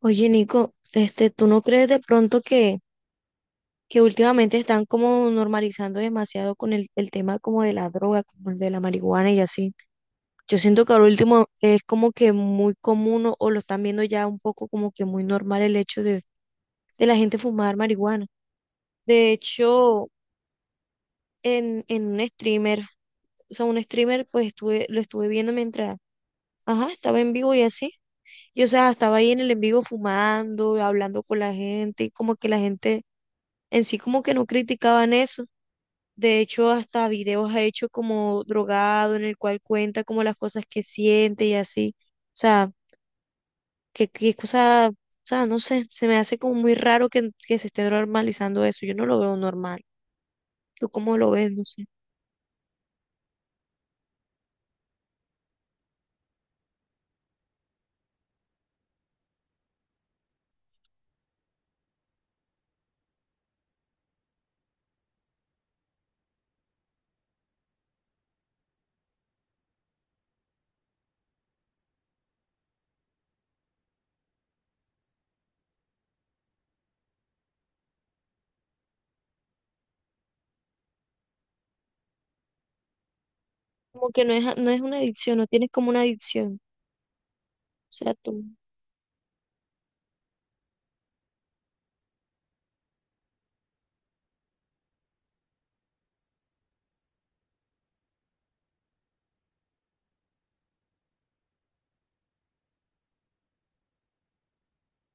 Oye, Nico, ¿tú no crees de pronto que últimamente están como normalizando demasiado con el tema como de la droga, como el de la marihuana y así? Yo siento que ahora último es como que muy común o lo están viendo ya un poco como que muy normal el hecho de la gente fumar marihuana. De hecho, en un streamer, o sea, un streamer, pues lo estuve viendo mientras, ajá, estaba en vivo y así. Y o sea, estaba ahí en el en vivo fumando, hablando con la gente, y como que la gente en sí como que no criticaban eso. De hecho, hasta videos ha hecho como drogado en el cual cuenta como las cosas que siente y así. O sea, que cosa, o sea, no sé, se me hace como muy raro que se esté normalizando eso. Yo no lo veo normal. ¿Tú cómo lo ves? No sé. Como que no es una adicción, no tienes como una adicción. O sea, tú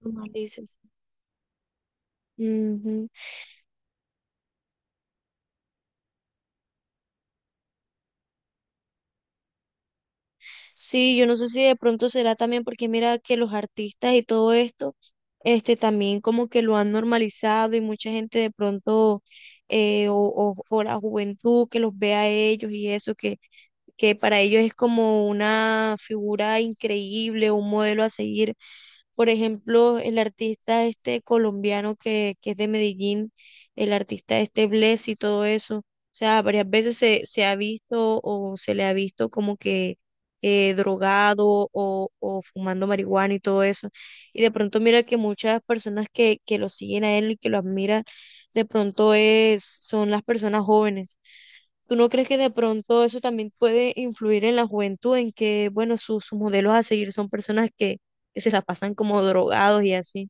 normalizas, dices. Sí, yo no sé si de pronto será también porque mira que los artistas y todo esto, también como que lo han normalizado y mucha gente de pronto, o la juventud que los ve a ellos y eso, que para ellos es como una figura increíble, un modelo a seguir. Por ejemplo, el artista este colombiano que es de Medellín, el artista este Bless y todo eso. O sea, varias veces se ha visto o se le ha visto como que drogado o fumando marihuana y todo eso. Y de pronto mira que muchas personas que lo siguen a él y que lo admiran, de pronto es, son las personas jóvenes. ¿Tú no crees que de pronto eso también puede influir en la juventud, en que, bueno, sus modelos a seguir son personas que se la pasan como drogados y así?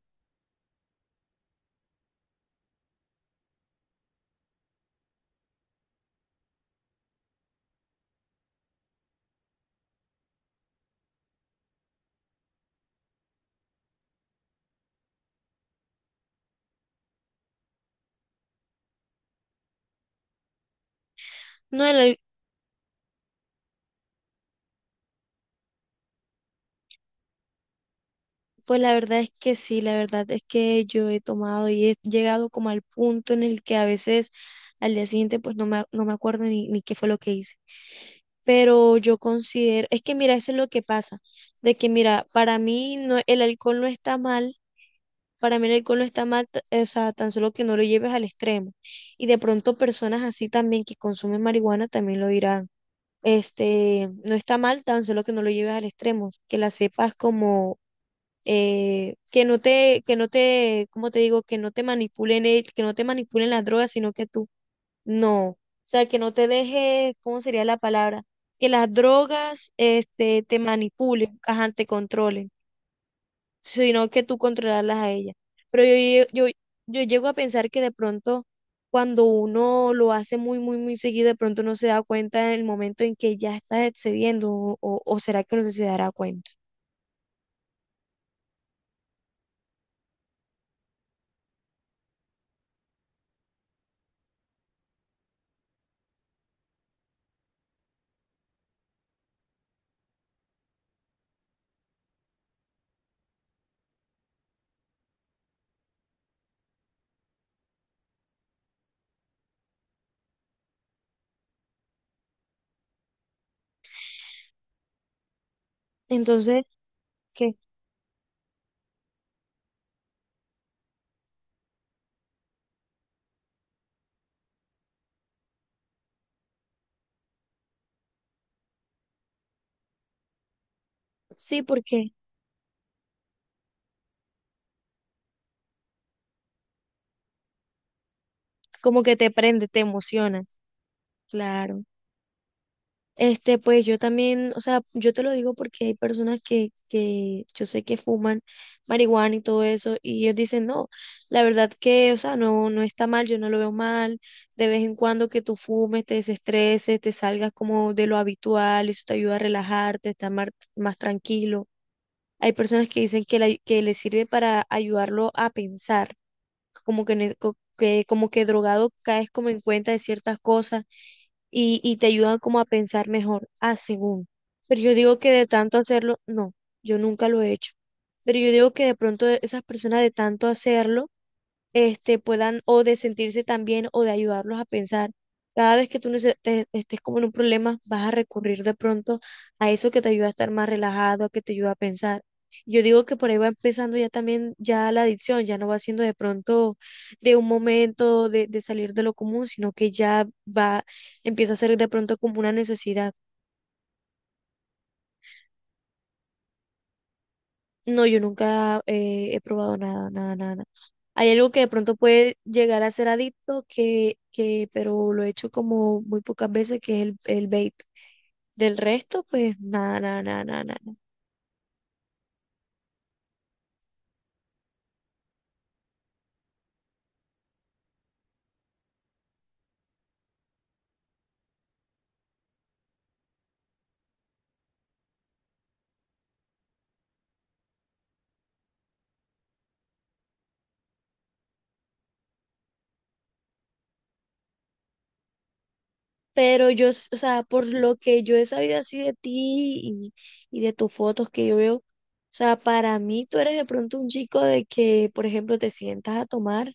No, la- Pues la verdad es que sí, la verdad es que yo he tomado y he llegado como al punto en el que a veces al día siguiente pues no me acuerdo ni qué fue lo que hice. Pero yo considero, es que mira, eso es lo que pasa, de que mira, para mí no, el alcohol no está mal. Para mí el alcohol no está mal, o sea, tan solo que no lo lleves al extremo. Y de pronto personas así también que consumen marihuana también lo dirán. No está mal, tan solo que no lo lleves al extremo, que la sepas como que no te, ¿cómo te digo? Que no te manipulen, que no te manipulen las drogas, sino que tú, no. O sea, que no te dejes, ¿cómo sería la palabra? Que las drogas, te manipulen, ajá, te controlen, sino que tú controlarlas a ellas. Pero yo llego a pensar que de pronto, cuando uno lo hace muy, muy, muy seguido, de pronto no se da cuenta en el momento en que ya estás excediendo, o será que no se dará cuenta. Entonces, ¿qué? Sí, porque como que te prende, te emocionas. Claro. Pues yo también, o sea, yo te lo digo porque hay personas que yo sé que fuman marihuana y todo eso, y ellos dicen, no, la verdad que, o sea, no, no está mal, yo no lo veo mal, de vez en cuando que tú fumes, te desestreses, te salgas como de lo habitual, eso te ayuda a relajarte, estar mar- más, tranquilo. Hay personas que dicen que les sirve para ayudarlo a pensar como que, ne- co- que- como que drogado caes como en cuenta de ciertas cosas y te ayudan como a pensar mejor, ah, según. Pero yo digo que de tanto hacerlo, no, yo nunca lo he hecho. Pero yo digo que de pronto esas personas de tanto hacerlo, puedan o de sentirse también o de ayudarlos a pensar. Cada vez que tú estés como en un problema, vas a recurrir de pronto a eso que te ayuda a estar más relajado, que te ayuda a pensar. Yo digo que por ahí va empezando ya también ya la adicción, ya no va siendo de pronto de un momento de salir de lo común, sino que ya va, empieza a ser de pronto como una necesidad. No, yo nunca he probado nada, nada, nada. Hay algo que de pronto puede llegar a ser adicto, pero lo he hecho como muy pocas veces, que es el vape. Del resto, pues nada, nada, nada, nada, nada. Pero yo, o sea, por lo que yo he sabido así de ti y de tus fotos que yo veo, o sea, para mí tú eres de pronto un chico de que, por ejemplo, te sientas a tomar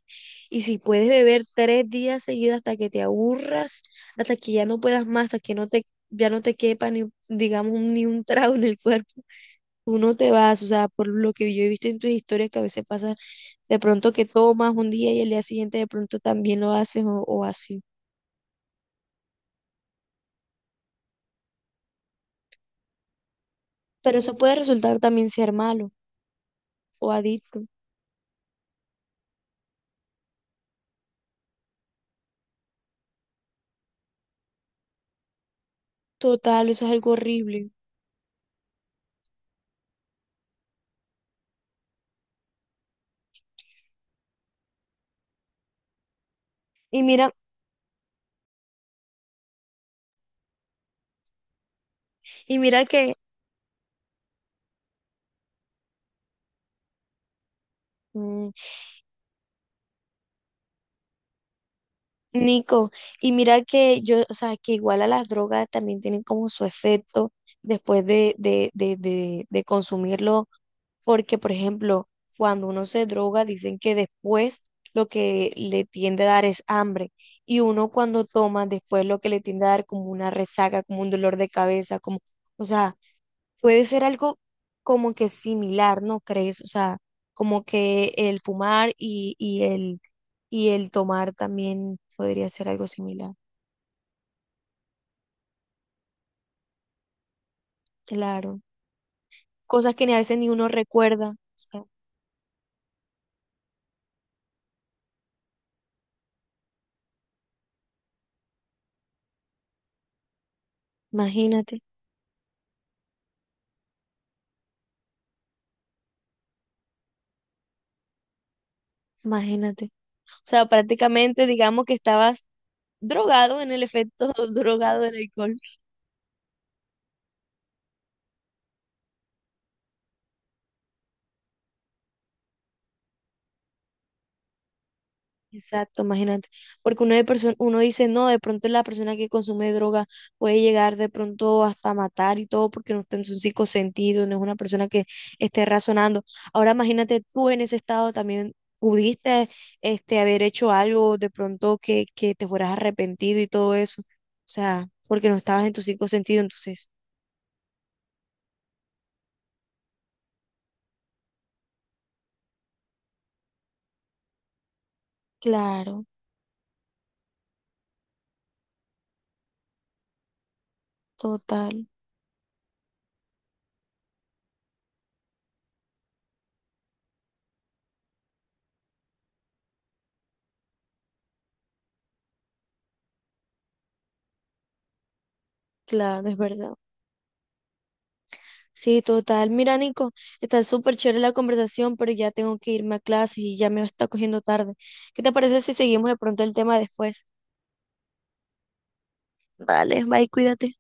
y si puedes beber 3 días seguidos hasta que te aburras, hasta que ya no puedas más, hasta que no te, ya no te quepa ni, digamos, ni un trago en el cuerpo. Tú no te vas, o sea, por lo que yo he visto en tus historias que a veces pasa de pronto que tomas un día y el día siguiente de pronto también lo haces o así. Pero eso puede resultar también ser malo o adicto. Total, eso es algo horrible. Y mira, y mira que, mm, Nico, y mira que yo, o sea, que igual a las drogas también tienen como su efecto después de consumirlo. Porque, por ejemplo, cuando uno se droga, dicen que después lo que le tiende a dar es hambre. Y uno cuando toma, después lo que le tiende a dar como una resaca, como un dolor de cabeza, como, o sea, puede ser algo como que similar, ¿no crees? O sea, como que el fumar y el tomar también podría ser algo similar. Claro. Cosas que ni a veces ni uno recuerda. O sea, imagínate, imagínate. O sea, prácticamente digamos que estabas drogado en el efecto drogado del alcohol. Exacto, imagínate. Porque uno, uno dice, no, de pronto la persona que consume droga puede llegar de pronto hasta matar y todo porque no está en su cinco sentido, no es una persona que esté razonando. Ahora imagínate tú en ese estado también. Pudiste haber hecho algo de pronto que te fueras arrepentido y todo eso. O sea, porque no estabas en tus cinco sentidos, entonces. Claro, total, claro, es verdad. Sí, total. Mira, Nico, está súper chévere la conversación, pero ya tengo que irme a clases y ya me está cogiendo tarde. ¿Qué te parece si seguimos de pronto el tema después? Vale, bye, cuídate.